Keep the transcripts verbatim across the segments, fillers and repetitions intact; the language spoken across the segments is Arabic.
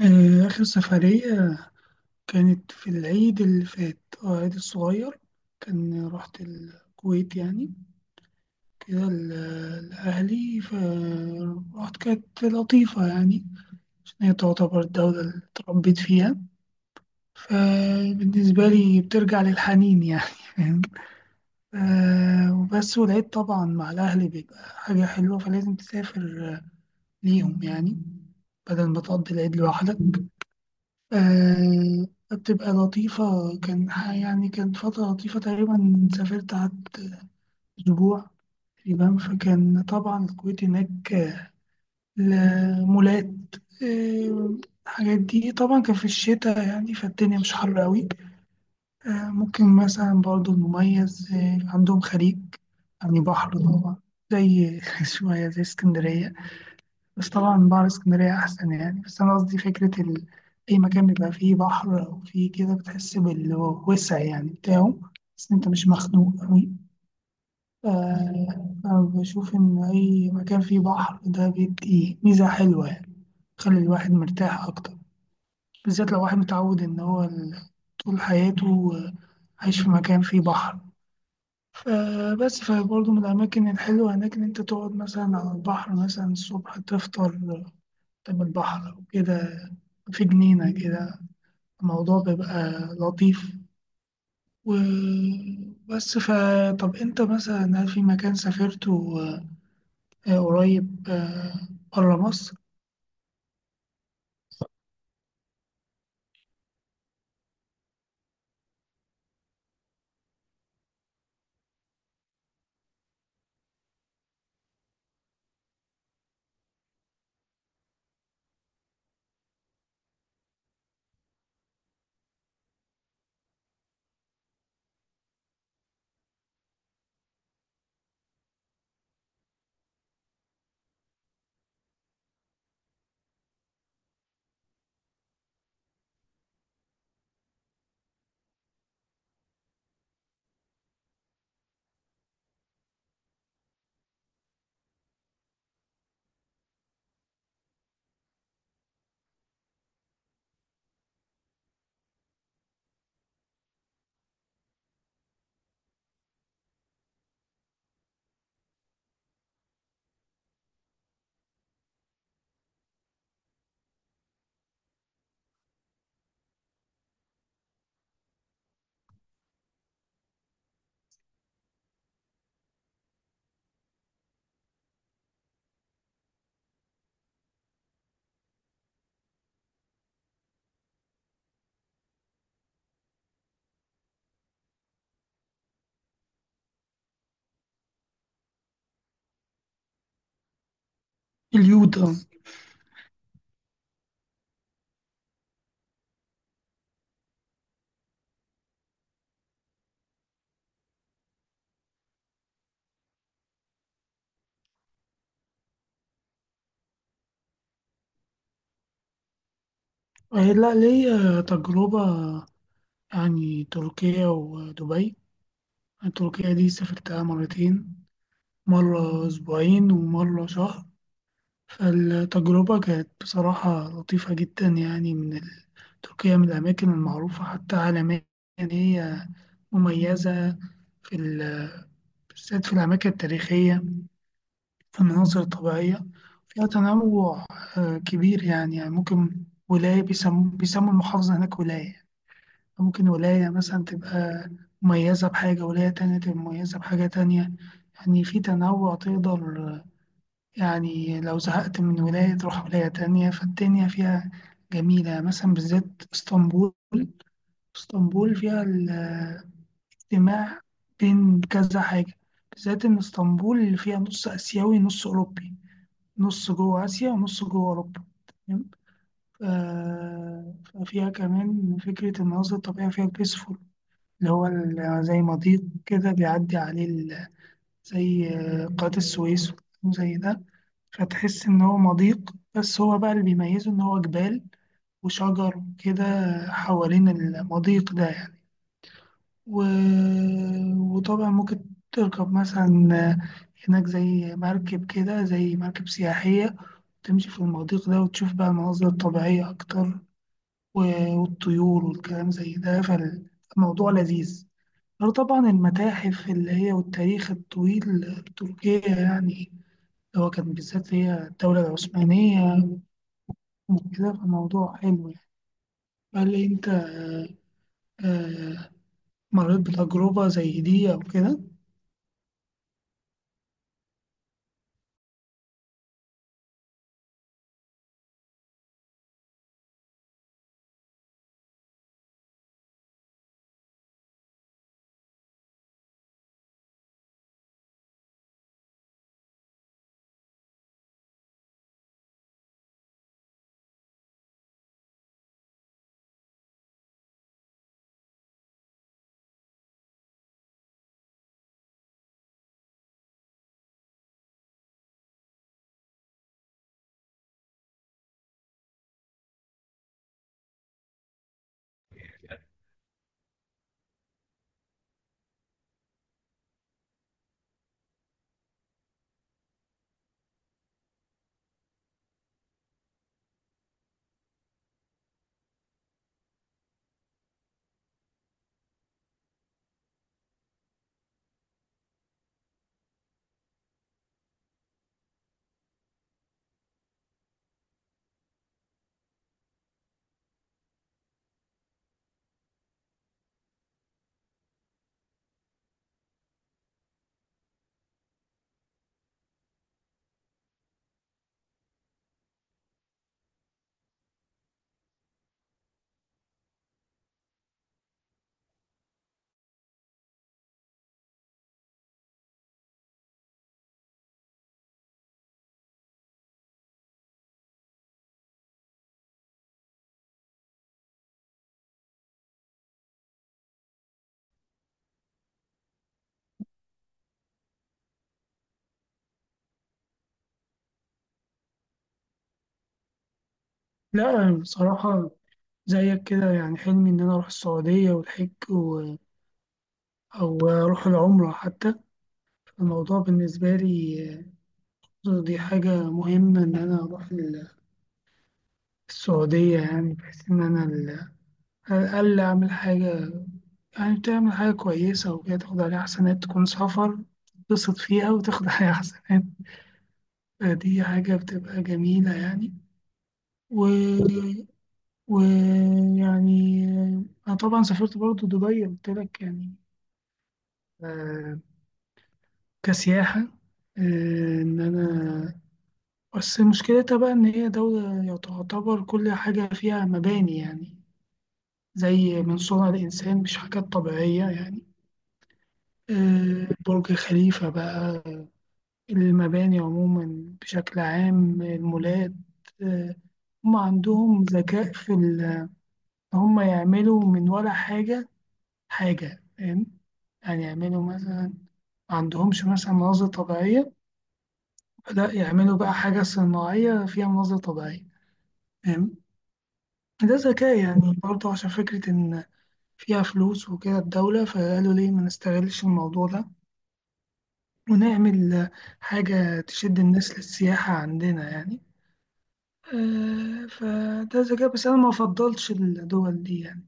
آه، آخر سفرية كانت في العيد اللي فات. آه، العيد الصغير. كان رحت الكويت يعني كده ل- لأهلي فرحت، كانت لطيفة يعني عشان هي تعتبر الدولة اللي اتربيت فيها، فبالنسبة لي بترجع للحنين يعني فاهم. آه، وبس، والعيد طبعا مع الأهل بيبقى حاجة حلوة فلازم تسافر آه، ليهم يعني، بدل ما تقضي العيد لوحدك. آه، بتبقى لطيفة. كان ح- يعني كانت فترة لطيفة تقريبا، سافرت قعدت أسبوع في اليابان، فكان طبعا الكويت هناك آه، المولات آه، الحاجات دي، طبعا كان في الشتاء يعني فالدنيا مش حر قوي. آه، ممكن مثلا برضو المميز آه، عندهم خليج يعني بحر طبعا، زي شوية زي اسكندرية. بس طبعا بحر اسكندرية أحسن يعني، بس أنا قصدي فكرة ال... أي مكان بيبقى فيه بحر أو فيه كده بتحس بالوسع يعني بتاعه، بس أنت مش مخنوق أوي. ف- أنا بشوف إن أي مكان فيه بحر ده بيدي ميزة حلوة يعني، بيخلي الواحد مرتاح أكتر، بالذات لو واحد متعود إن هو ال- طول حياته عايش في مكان فيه بحر. فبس، فبرضه من الأماكن الحلوة هناك إن أنت تقعد مثلا على البحر، مثلا الصبح تفطر قدام البحر أو كده، في جنينة كده، الموضوع بيبقى لطيف. وبس، فطب أنت مثلا هل في مكان سافرته آه، قريب آه، برا مصر؟ اليوتا. آه، لا ليا تجربة يعني، تركيا ودبي. تركيا دي سافرتها مرتين، مرة أسبوعين ومرة شهر، فالتجربة كانت بصراحة لطيفة جدا يعني. من تركيا من الأماكن المعروفة حتى عالميا إن هي مميزة في ال- بالذات في الأماكن التاريخية، في المناظر الطبيعية، فيها تنوع آه، كبير يعني، يعني ممكن ولاية، بيسموا بيسموا المحافظة هناك ولاية، ممكن ولاية مثلا تبقى مميزة بحاجة، ولاية تانية تبقى مميزة بحاجة تانية، يعني في تنوع تقدر، يعني لو زهقت من ولاية تروح ولاية تانية، فالدنيا فيها جميلة. مثلا بالذات اسطنبول، اسطنبول فيها الاجتماع بين كذا حاجة، بالذات إن اسطنبول اللي فيها نص آسيوي نص أوروبي، نص جوه آسيا ونص جوه أوروبا، تمام؟ ف- ففيها كمان فكرة المناظر الطبيعية، فيها البيسفول، اللي هو ال- زي مضيق كده بيعدي عليه ال- زي آه، قناة السويس وزي ده، فتحس إن هو مضيق، بس هو بقى اللي بيميزه إن هو جبال وشجر كده حوالين المضيق ده يعني. و... وطبعا ممكن تركب مثلا هناك زي مركب كده، زي مركب سياحية، تمشي في المضيق ده وتشوف بقى المناظر الطبيعية أكتر، و- والطيور والكلام زي ده، فالموضوع لذيذ. غير طبعا المتاحف اللي هي والتاريخ الطويل التركية يعني، اللي هو كان بالذات هي الدولة العثمانية وكده، فالموضوع حلو يعني. هل أنت آه، آه، مريت بتجربة زي دي أو كده؟ لا بصراحة زيك كده، يعني حلمي إن أنا أروح السعودية والحج و... أو أروح العمرة حتى. الموضوع بالنسبة لي دي حاجة مهمة، إن أنا أروح السعودية يعني، بحيث إن أنا ال- على الأقل أعمل حاجة، يعني تعمل حاجة كويسة وكده، تاخد عليها حسنات، تكون سفر تتبسط فيها وتاخد عليها حسنات، دي حاجة بتبقى جميلة يعني. و... ويعني أنا طبعا سافرت برضو دبي قلت لك يعني، آه، كسياحة، آه، إن أنا، بس مشكلتها بقى إن هي دولة تعتبر كل حاجة فيها مباني يعني، زي من صنع الإنسان، مش حاجات طبيعية يعني. آه، برج خليفة بقى، المباني عموما بشكل عام، المولات، آه، هم عندهم ذكاء في ال- إن هم يعملوا من ولا حاجة، حاجة، فاهم؟ يعني يعملوا مثلا، ما عندهمش مثلا مناظر طبيعية، لا يعملوا بقى حاجة صناعية فيها مناظر طبيعية، فاهم. ده ذكاء يعني برضه، عشان فكرة إن فيها فلوس وكده الدولة، فقالوا ليه ما نستغلش الموضوع ده ونعمل حاجة تشد الناس للسياحة عندنا يعني. آه، فده ذكاء، بس أنا ما أفضلش الدول دي يعني،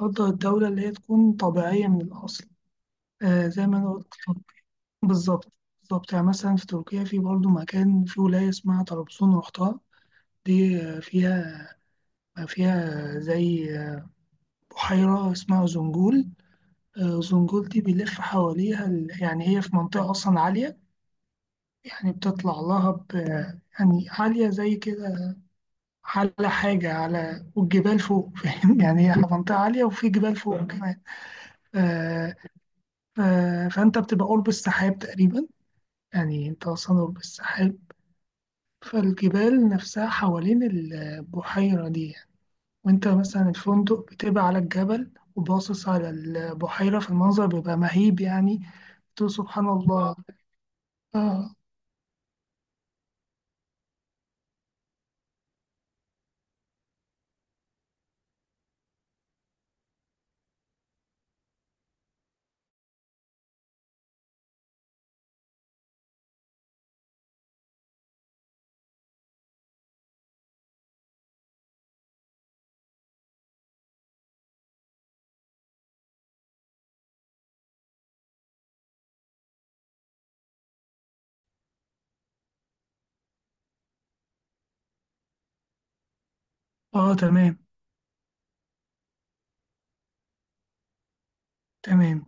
أفضل الدولة اللي هي تكون طبيعية من الأصل، آه، زي ما أنا قلت. بالظبط، بالظبط، يعني مثلا في تركيا في برضه مكان في ولاية اسمها طرابزون رحتها، دي آه، فيها، فيها زي بحيرة اسمها زنجول. آه، زنجول دي بيلف حواليها ال- يعني هي في منطقة أصلا عالية، يعني بتطلع لها ب، يعني عالية زي كده، على حاجة على، والجبال فوق فاهم يعني، هي منطقة عالية وفي جبال فوق كمان. آه، آه، فأنت بتبقى قرب السحاب تقريبا، يعني أنت أصلا قرب السحاب، فالجبال نفسها حوالين البحيرة دي، وانت مثلا الفندق بتبقى على الجبل وباصص على البحيرة، في المنظر بيبقى مهيب يعني، تقول سبحان الله. اه، اه تمام، تمام.